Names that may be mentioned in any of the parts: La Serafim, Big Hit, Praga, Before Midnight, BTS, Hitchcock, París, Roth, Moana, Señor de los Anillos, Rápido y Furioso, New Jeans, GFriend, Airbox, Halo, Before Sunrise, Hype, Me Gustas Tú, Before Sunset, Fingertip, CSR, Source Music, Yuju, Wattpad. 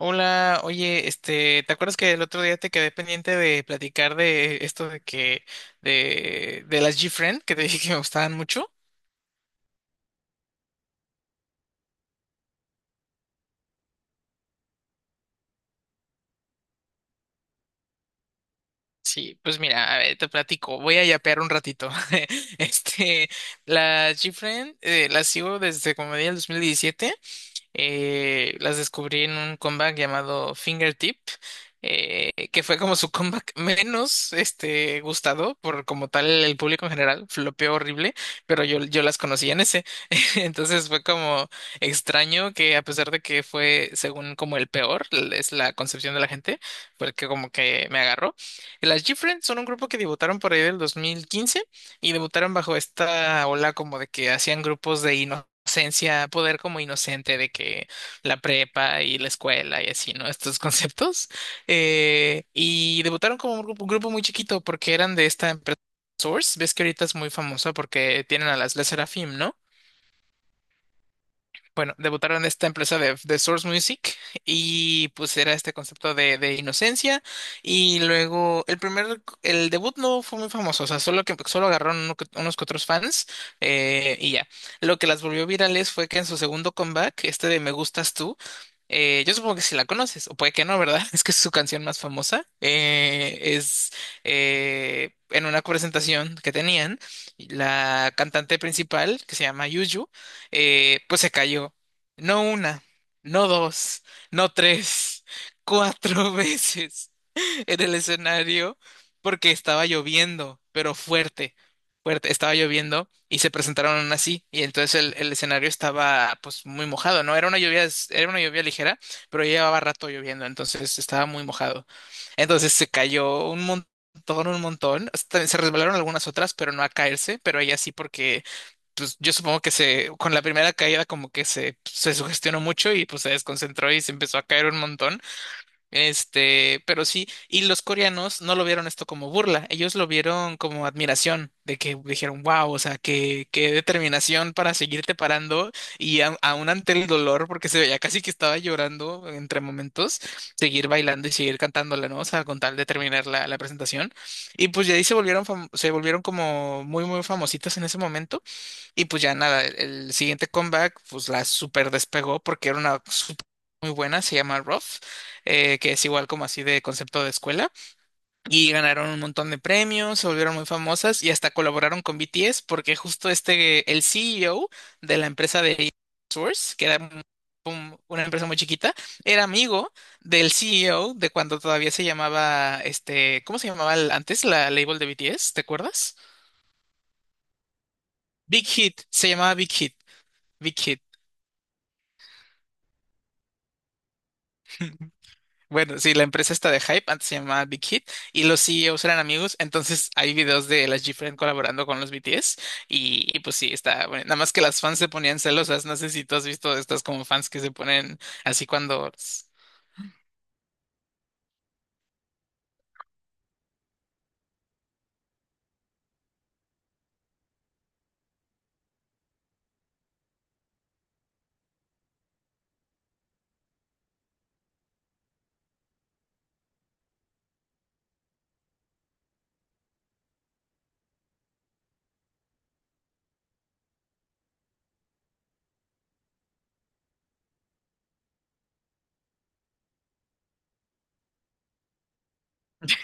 Hola, oye, este, ¿te acuerdas que el otro día te quedé pendiente de platicar de esto de las GFriend, que te dije que me gustaban mucho? Sí, pues mira, a ver, te platico, voy a yapear un ratito. Este, las GFriend, las sigo desde como del 2017. Las descubrí en un comeback llamado Fingertip, que fue como su comeback menos este, gustado por como tal el público en general, flopeó horrible, pero yo las conocía en ese. Entonces fue como extraño que, a pesar de que fue según como el peor, es la concepción de la gente, fue el que como que me agarró. Las G-Friends son un grupo que debutaron por ahí del 2015 y debutaron bajo esta ola como de que hacían grupos de inocencia, poder como inocente, de que la prepa y la escuela y así, ¿no? Estos conceptos. Y debutaron como un grupo muy chiquito porque eran de esta empresa Source. Ves que ahorita es muy famosa porque tienen a las La Serafim, ¿no? Bueno, debutaron esta empresa de Source Music y pues era este concepto de inocencia, y luego el debut no fue muy famoso, o sea, solo agarraron unos que otros fans, y ya. Lo que las volvió virales fue que en su segundo comeback, este de Me Gustas Tú, yo supongo que si la conoces, o puede que no, ¿verdad? Es que es su canción más famosa, es en una presentación que tenían, la cantante principal, que se llama Yuju, pues se cayó. No una, no dos, no tres, cuatro veces. En el escenario, porque estaba lloviendo, pero fuerte, fuerte, estaba lloviendo y se presentaron así, y entonces el escenario estaba pues muy mojado, ¿no? Era era una lluvia ligera, pero ya llevaba rato lloviendo, entonces estaba muy mojado. Entonces se cayó un montón, hasta se resbalaron algunas otras, pero no a caerse, pero ella sí, porque pues yo supongo que con la primera caída como que se sugestionó mucho y pues se desconcentró y se empezó a caer un montón. Este, pero sí, y los coreanos no lo vieron esto como burla, ellos lo vieron como admiración, de que dijeron, wow, o sea, qué determinación para seguirte parando y a aún ante el dolor, porque se veía casi que estaba llorando entre momentos, seguir bailando y seguir cantándola, ¿no? O sea, con tal de terminar la presentación. Y pues ya ahí se volvieron, se volvieron como muy, muy famositos en ese momento. Y pues ya nada, el siguiente comeback pues la super despegó porque era una super muy buena, se llama Roth, que es igual como así de concepto de escuela. Y ganaron un montón de premios, se volvieron muy famosas y hasta colaboraron con BTS porque justo este, el CEO de la empresa de Source, que era una empresa muy chiquita, era amigo del CEO de cuando todavía se llamaba, este, ¿cómo se llamaba antes la label de BTS? ¿Te acuerdas? Big Hit, se llamaba Big Hit. Big Hit. Bueno, sí, la empresa está de Hype, antes se llamaba Big Hit, y los CEOs eran amigos, entonces hay videos de las GFriend colaborando con los BTS, y pues sí, está, bueno, nada más que las fans se ponían celosas, no sé si tú has visto estas como fans que se ponen así cuando...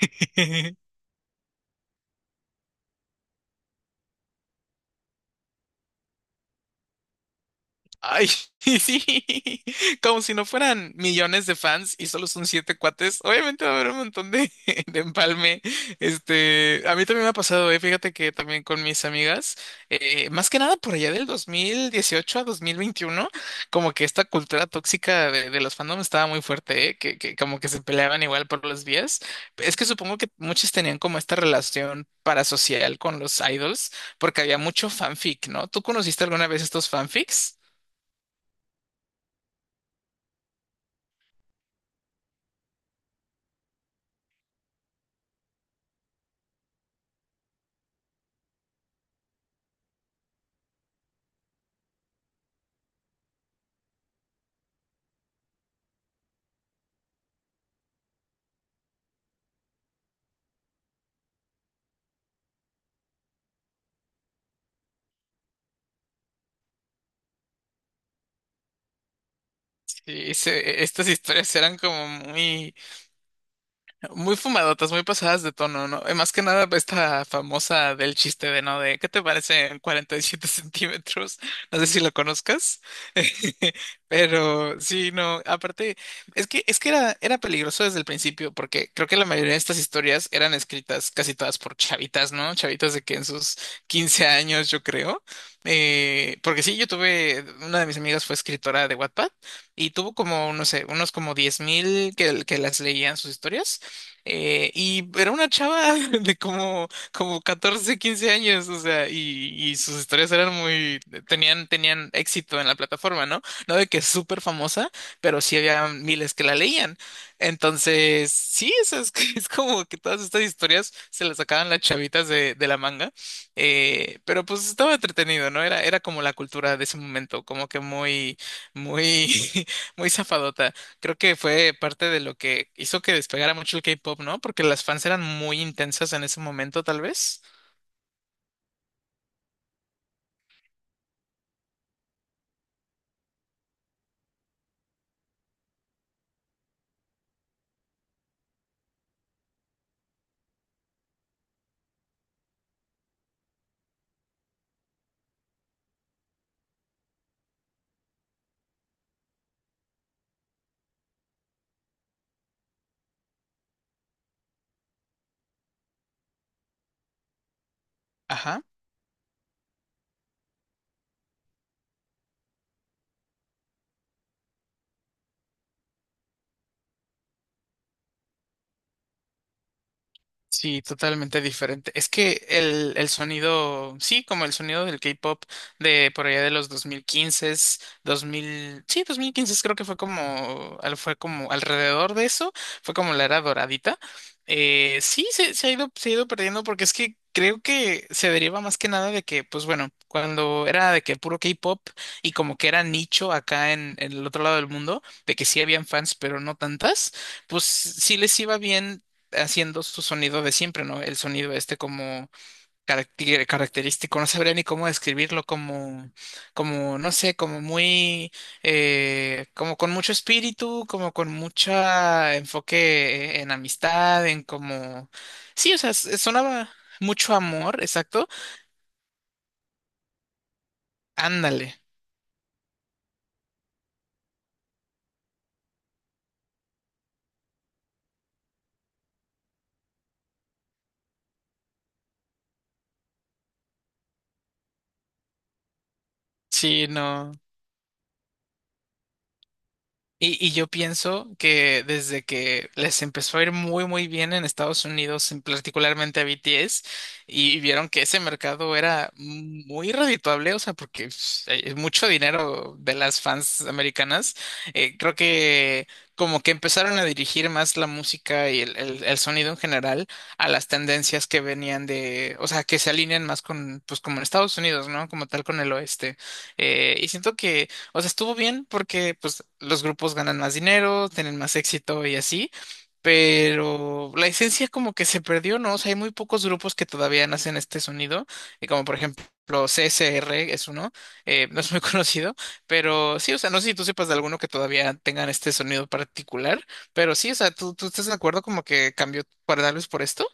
Ay, sí, como si no fueran millones de fans y solo son siete cuates. Obviamente va a haber un montón de, de empalme. Este, a mí también me ha pasado, eh. Fíjate que también con mis amigas, más que nada por allá del 2018 a 2021, como que esta cultura tóxica de los fandoms estaba muy fuerte, que como que se peleaban igual por los vías. Es que supongo que muchos tenían como esta relación parasocial con los idols, porque había mucho fanfic, ¿no? ¿Tú conociste alguna vez estos fanfics? Sí, estas historias eran como muy... Muy fumadotas, muy pasadas de tono, ¿no? Más que nada esta famosa del chiste de, ¿no? De, ¿qué te parece 7 centímetros? No sé si lo conozcas, pero sí, no, aparte, es que era peligroso desde el principio, porque creo que la mayoría de estas historias eran escritas casi todas por chavitas, ¿no? Chavitas de que en sus 15 años, yo creo. Porque sí, yo tuve, una de mis amigas fue escritora de Wattpad y tuvo como, no sé, unos como 10 mil que las leían sus historias, y era una chava de como 14 15 años, o sea, y sus historias eran muy, tenían éxito en la plataforma, ¿no? No de que es súper famosa, pero sí había miles que la leían. Entonces, sí, eso es, es como que todas estas historias se las sacaban las chavitas de la manga. Pero pues estaba entretenido, ¿no? Era como la cultura de ese momento, como que muy, muy zafadota. Creo que fue parte de lo que hizo que despegara mucho el K-pop, ¿no? Porque las fans eran muy intensas en ese momento, tal vez. Ajá. Sí, totalmente diferente. Es que el sonido, sí, como el sonido del K-pop de por allá de los 2015, 2000, sí, 2015 creo que fue como, fue como alrededor de eso, fue como la era doradita. Sí, se ha ido perdiendo porque es que creo que se deriva más que nada de que, pues bueno, cuando era de que puro K-pop y como que era nicho acá en el otro lado del mundo, de que sí habían fans, pero no tantas, pues sí les iba bien haciendo su sonido de siempre, ¿no? El sonido este como característico, no sabría ni cómo describirlo, no sé, como como con mucho espíritu, como con mucha enfoque en amistad, en como, sí, o sea, sonaba mucho amor, exacto. Ándale, sí, no. Y yo pienso que desde que les empezó a ir muy muy bien en Estados Unidos, en particularmente a BTS, y vieron que ese mercado era muy redituable, o sea, porque pues hay mucho dinero de las fans americanas, creo que como que empezaron a dirigir más la música y el sonido en general a las tendencias que venían de, o sea, que se alinean más con, pues como en Estados Unidos, ¿no? Como tal con el oeste. Y siento, o sea, estuvo bien porque pues los grupos ganan más dinero, tienen más éxito y así, pero la esencia como que se perdió, ¿no? O sea, hay muy pocos grupos que todavía nacen este sonido, y como por ejemplo CSR es uno, no es muy conocido, pero sí, o sea, no sé si tú sepas de alguno que todavía tengan este sonido particular, pero sí, o sea, tú estás de acuerdo como que cambió para darles por esto?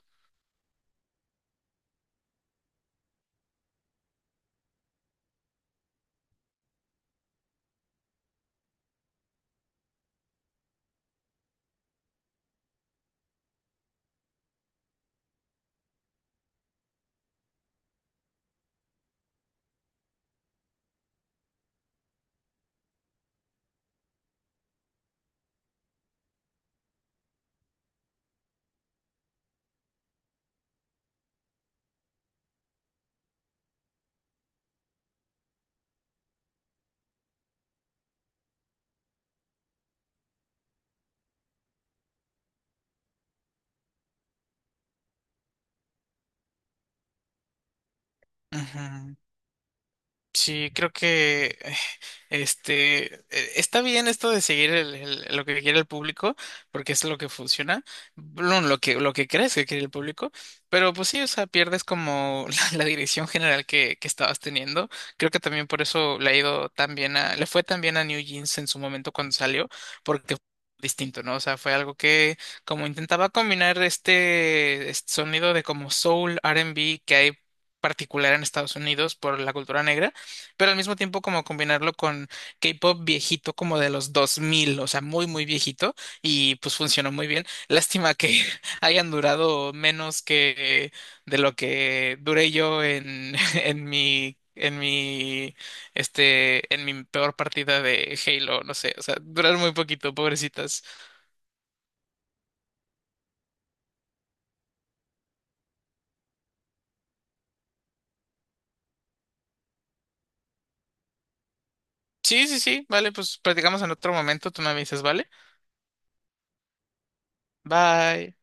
Ujú. Sí, creo que este eh, está bien esto de seguir lo que quiere el público, porque es lo que funciona, bueno, lo que crees que quiere el público, pero pues sí, o sea, pierdes como la dirección general que estabas teniendo. Creo que también por eso le ha ido tan bien a, le fue tan bien a New Jeans en su momento cuando salió, porque fue distinto, ¿no? O sea, fue algo que como intentaba combinar este sonido de como soul, R&B que hay particular en Estados Unidos por la cultura negra, pero al mismo tiempo como combinarlo con K-pop viejito como de los 2000, o sea, muy, muy viejito, y pues funcionó muy bien. Lástima que hayan durado menos que de lo que duré yo en, en mi peor partida de Halo, no sé, o sea, duraron muy poquito, pobrecitas. Sí, sí, sí, vale, pues platicamos en otro momento, tú me avisas, ¿vale? Bye.